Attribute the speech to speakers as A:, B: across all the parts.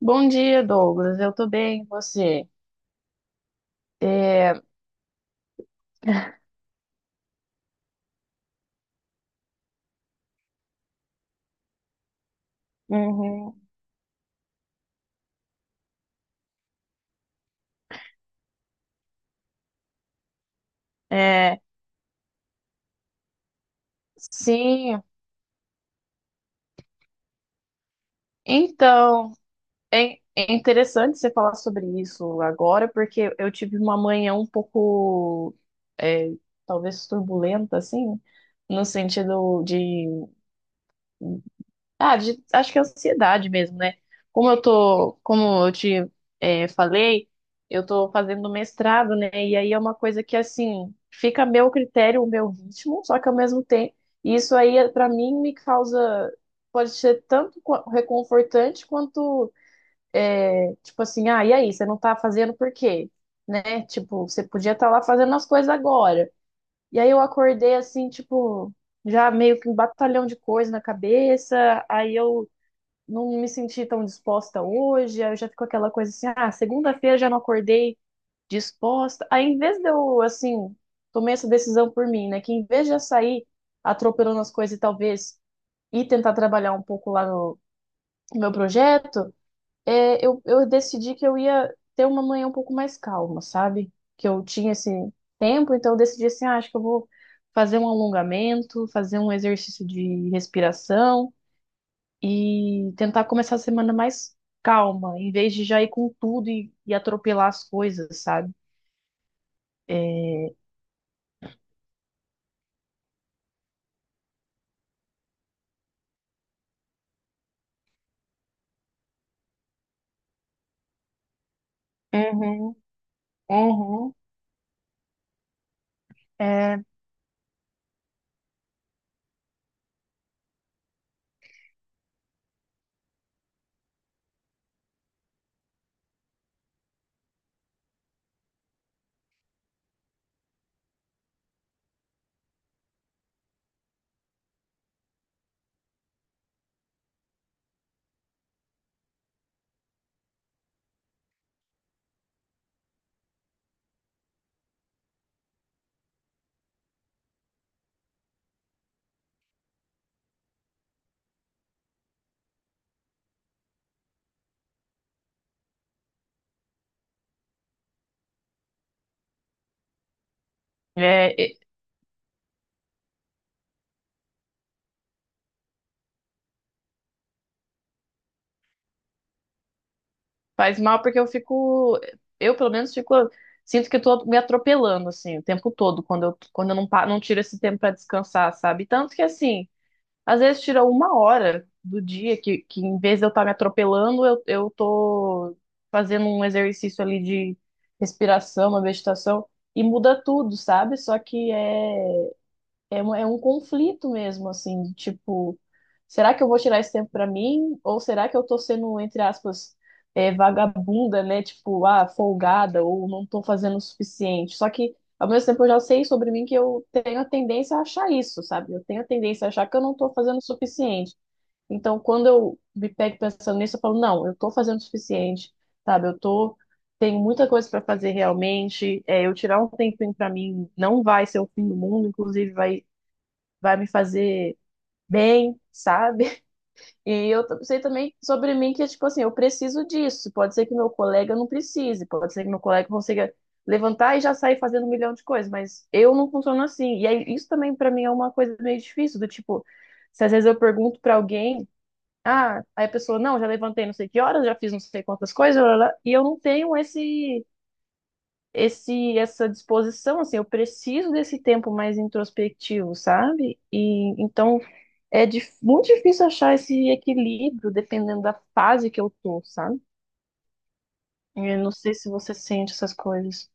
A: Bom dia, Douglas. Eu tô bem, e você? É, uhum, é, sim, então, é interessante você falar sobre isso agora, porque eu tive uma manhã é, talvez turbulenta, assim, no sentido de acho que é ansiedade mesmo, né? Como eu te falei, eu tô fazendo mestrado, né? E aí é uma coisa que, assim, fica a meu critério, o meu ritmo, só que ao mesmo tempo, isso aí, pra mim, me causa, pode ser tanto reconfortante quanto, tipo assim, ah, e aí, você não tá fazendo por quê? Né? Tipo, você podia estar lá fazendo as coisas agora. E aí eu acordei, assim, tipo, já meio que um batalhão de coisa na cabeça, aí eu não me senti tão disposta hoje, aí eu já fico aquela coisa assim, ah, segunda-feira já não acordei disposta. Aí em vez de eu, assim, tomei essa decisão por mim, né, que em vez de eu sair atropelando as coisas e talvez ir tentar trabalhar um pouco lá no, no meu projeto, eu decidi que eu ia ter uma manhã um pouco mais calma, sabe? Que eu tinha esse tempo, então eu decidi assim, ah, acho que eu vou fazer um alongamento, fazer um exercício de respiração e tentar começar a semana mais calma, em vez de já ir com tudo e atropelar as coisas, sabe? É, uhum, uhum. é, é, é- Faz mal porque eu pelo menos fico, sinto que eu tô me atropelando assim o tempo todo quando eu não tiro esse tempo pra descansar, sabe? Tanto que assim às vezes tira uma hora do dia que em vez de eu estar me atropelando, eu tô fazendo um exercício ali de respiração, uma meditação, e muda tudo, sabe? Só que é. É, é um conflito mesmo, assim, de tipo, será que eu vou tirar esse tempo pra mim? Ou será que eu tô sendo, entre aspas, vagabunda, né? Tipo, ah, folgada, ou não tô fazendo o suficiente. Só que, ao mesmo tempo, eu já sei sobre mim que eu tenho a tendência a achar isso, sabe? Eu tenho a tendência a achar que eu não tô fazendo o suficiente. Então, quando eu me pego pensando nisso, eu falo, não, eu tô fazendo o suficiente, sabe? Eu tô. Tenho muita coisa para fazer realmente. É, eu tirar um tempinho para mim não vai ser o fim do mundo, inclusive vai me fazer bem, sabe? E eu sei também sobre mim que, tipo assim, eu preciso disso. Pode ser que meu colega não precise, pode ser que meu colega consiga levantar e já sair fazendo um milhão de coisas, mas eu não funciono assim. E aí, isso também pra mim é uma coisa meio difícil, do tipo, se às vezes eu pergunto pra alguém, ah, aí a pessoa, não, já levantei não sei que horas, já fiz não sei quantas coisas, lá, lá, lá, e eu não tenho esse. Essa disposição, assim, eu preciso desse tempo mais introspectivo, sabe? E então é muito difícil achar esse equilíbrio dependendo da fase que eu tô, sabe? Eu não sei se você sente essas coisas.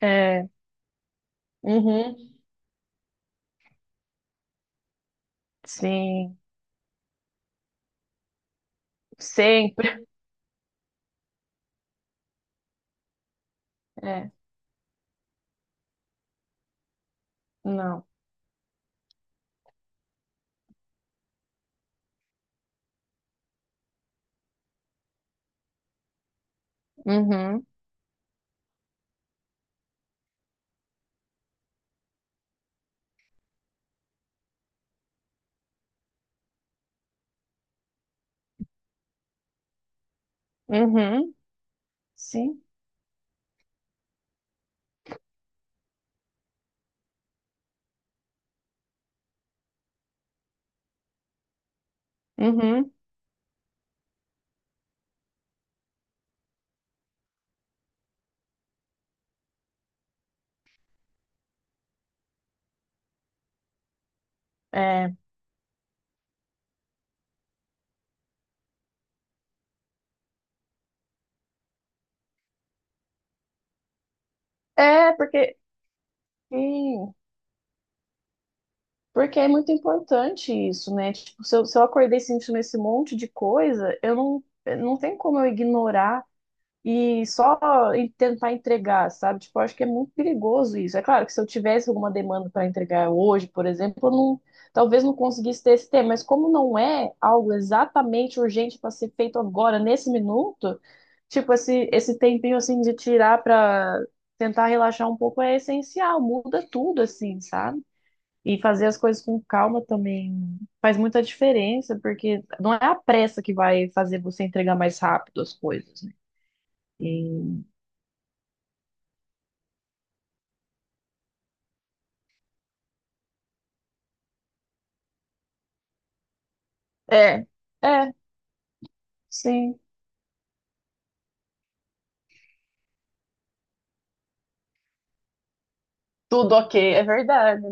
A: É, uhum, sim, sempre. É, não. Uhum, uhum, sim, uhum, é. Porque, sim, porque é muito importante isso, né? Tipo, se eu acordei sentindo esse monte de coisa, eu não, não tem como eu ignorar e só tentar entregar, sabe? Tipo, eu acho que é muito perigoso isso. É claro que se eu tivesse alguma demanda para entregar hoje, por exemplo, eu não, talvez não conseguisse ter esse tema, mas como não é algo exatamente urgente para ser feito agora, nesse minuto, tipo, esse tempinho assim de tirar para tentar relaxar um pouco é essencial, muda tudo assim, sabe? E fazer as coisas com calma também faz muita diferença, porque não é a pressa que vai fazer você entregar mais rápido as coisas, né? É, é, sim. Tudo ok, é verdade.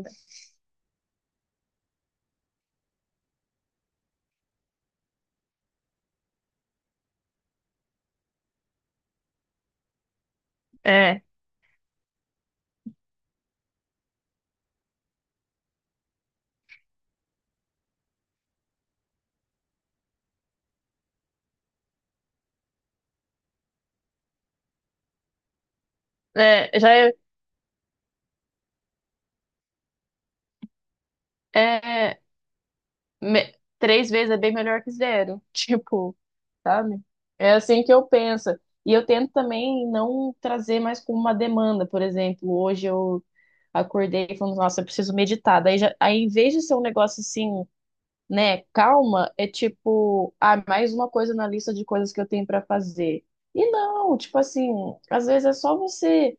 A: Né? Já é, é me- três vezes é bem melhor que zero, tipo, sabe? É assim que eu penso. E eu tento também não trazer mais como uma demanda, por exemplo, hoje eu acordei falando, nossa, eu preciso meditar. Em vez de ser um negócio assim, né, calma, é tipo, ah, mais uma coisa na lista de coisas que eu tenho pra fazer. E não, tipo assim, às vezes é só você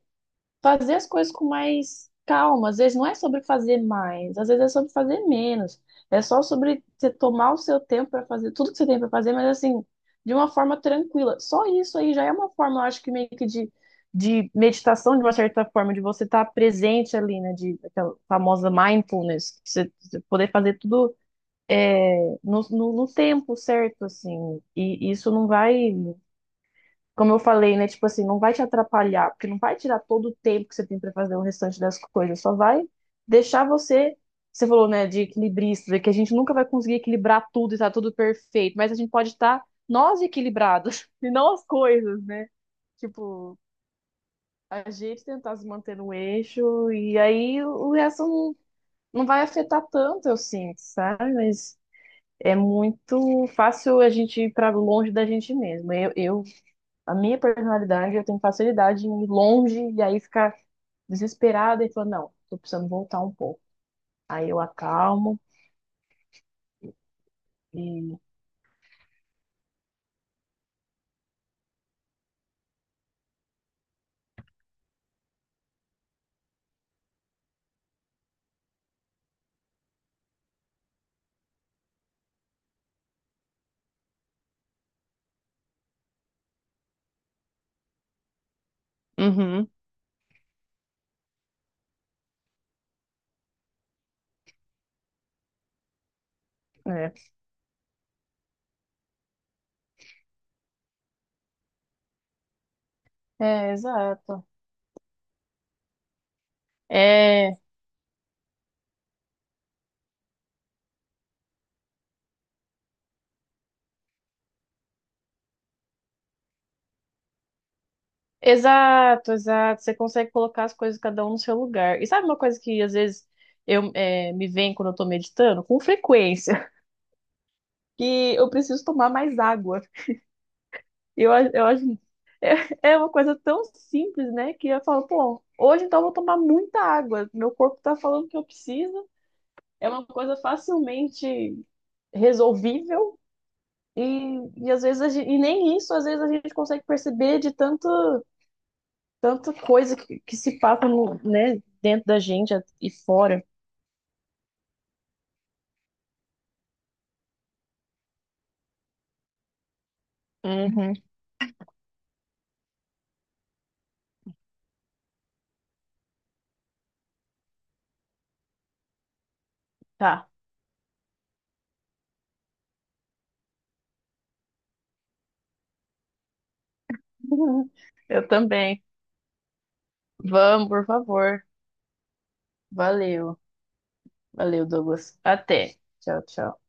A: fazer as coisas com mais calma. Às vezes não é sobre fazer mais, às vezes é sobre fazer menos. É só sobre você tomar o seu tempo para fazer tudo que você tem para fazer, mas assim, de uma forma tranquila. Só isso aí já é uma forma, eu acho que meio que de meditação, de uma certa forma, de você estar presente ali, né? De aquela famosa mindfulness, que você poder fazer tudo. É, no tempo certo, assim, e isso não vai como eu falei, né? Tipo assim, não vai te atrapalhar, porque não vai tirar todo o tempo que você tem para fazer o restante das coisas, só vai deixar você. Você falou, né, de equilibrista, que a gente nunca vai conseguir equilibrar tudo e tá tudo perfeito, mas a gente pode estar nós equilibrados e não as coisas, né? Tipo, a gente tentar se manter no eixo e aí o resto não, não vai afetar tanto, eu sinto, sabe? Mas é muito fácil a gente ir para longe da gente mesmo. Eu, a minha personalidade, eu tenho facilidade em ir longe e aí ficar desesperada e falar, não, tô precisando voltar um pouco. Aí eu acalmo e. Uhum. É, é, exato. É, exato, exato. Você consegue colocar as coisas cada um no seu lugar. E sabe uma coisa que às vezes eu me vem quando eu tô meditando? Com frequência, que eu preciso tomar mais água. Eu acho. É, é uma coisa tão simples, né? Que eu falo, pô, hoje então eu vou tomar muita água. Meu corpo tá falando que eu preciso. É uma coisa facilmente resolvível. E, e às vezes a gente, e nem isso às vezes a gente consegue perceber de tanto, tanta coisa que se passa no, né, dentro da gente e fora. Uhum. Tá. Eu também. Vamos, por favor. Valeu. Valeu, Douglas. Até. Tchau, tchau.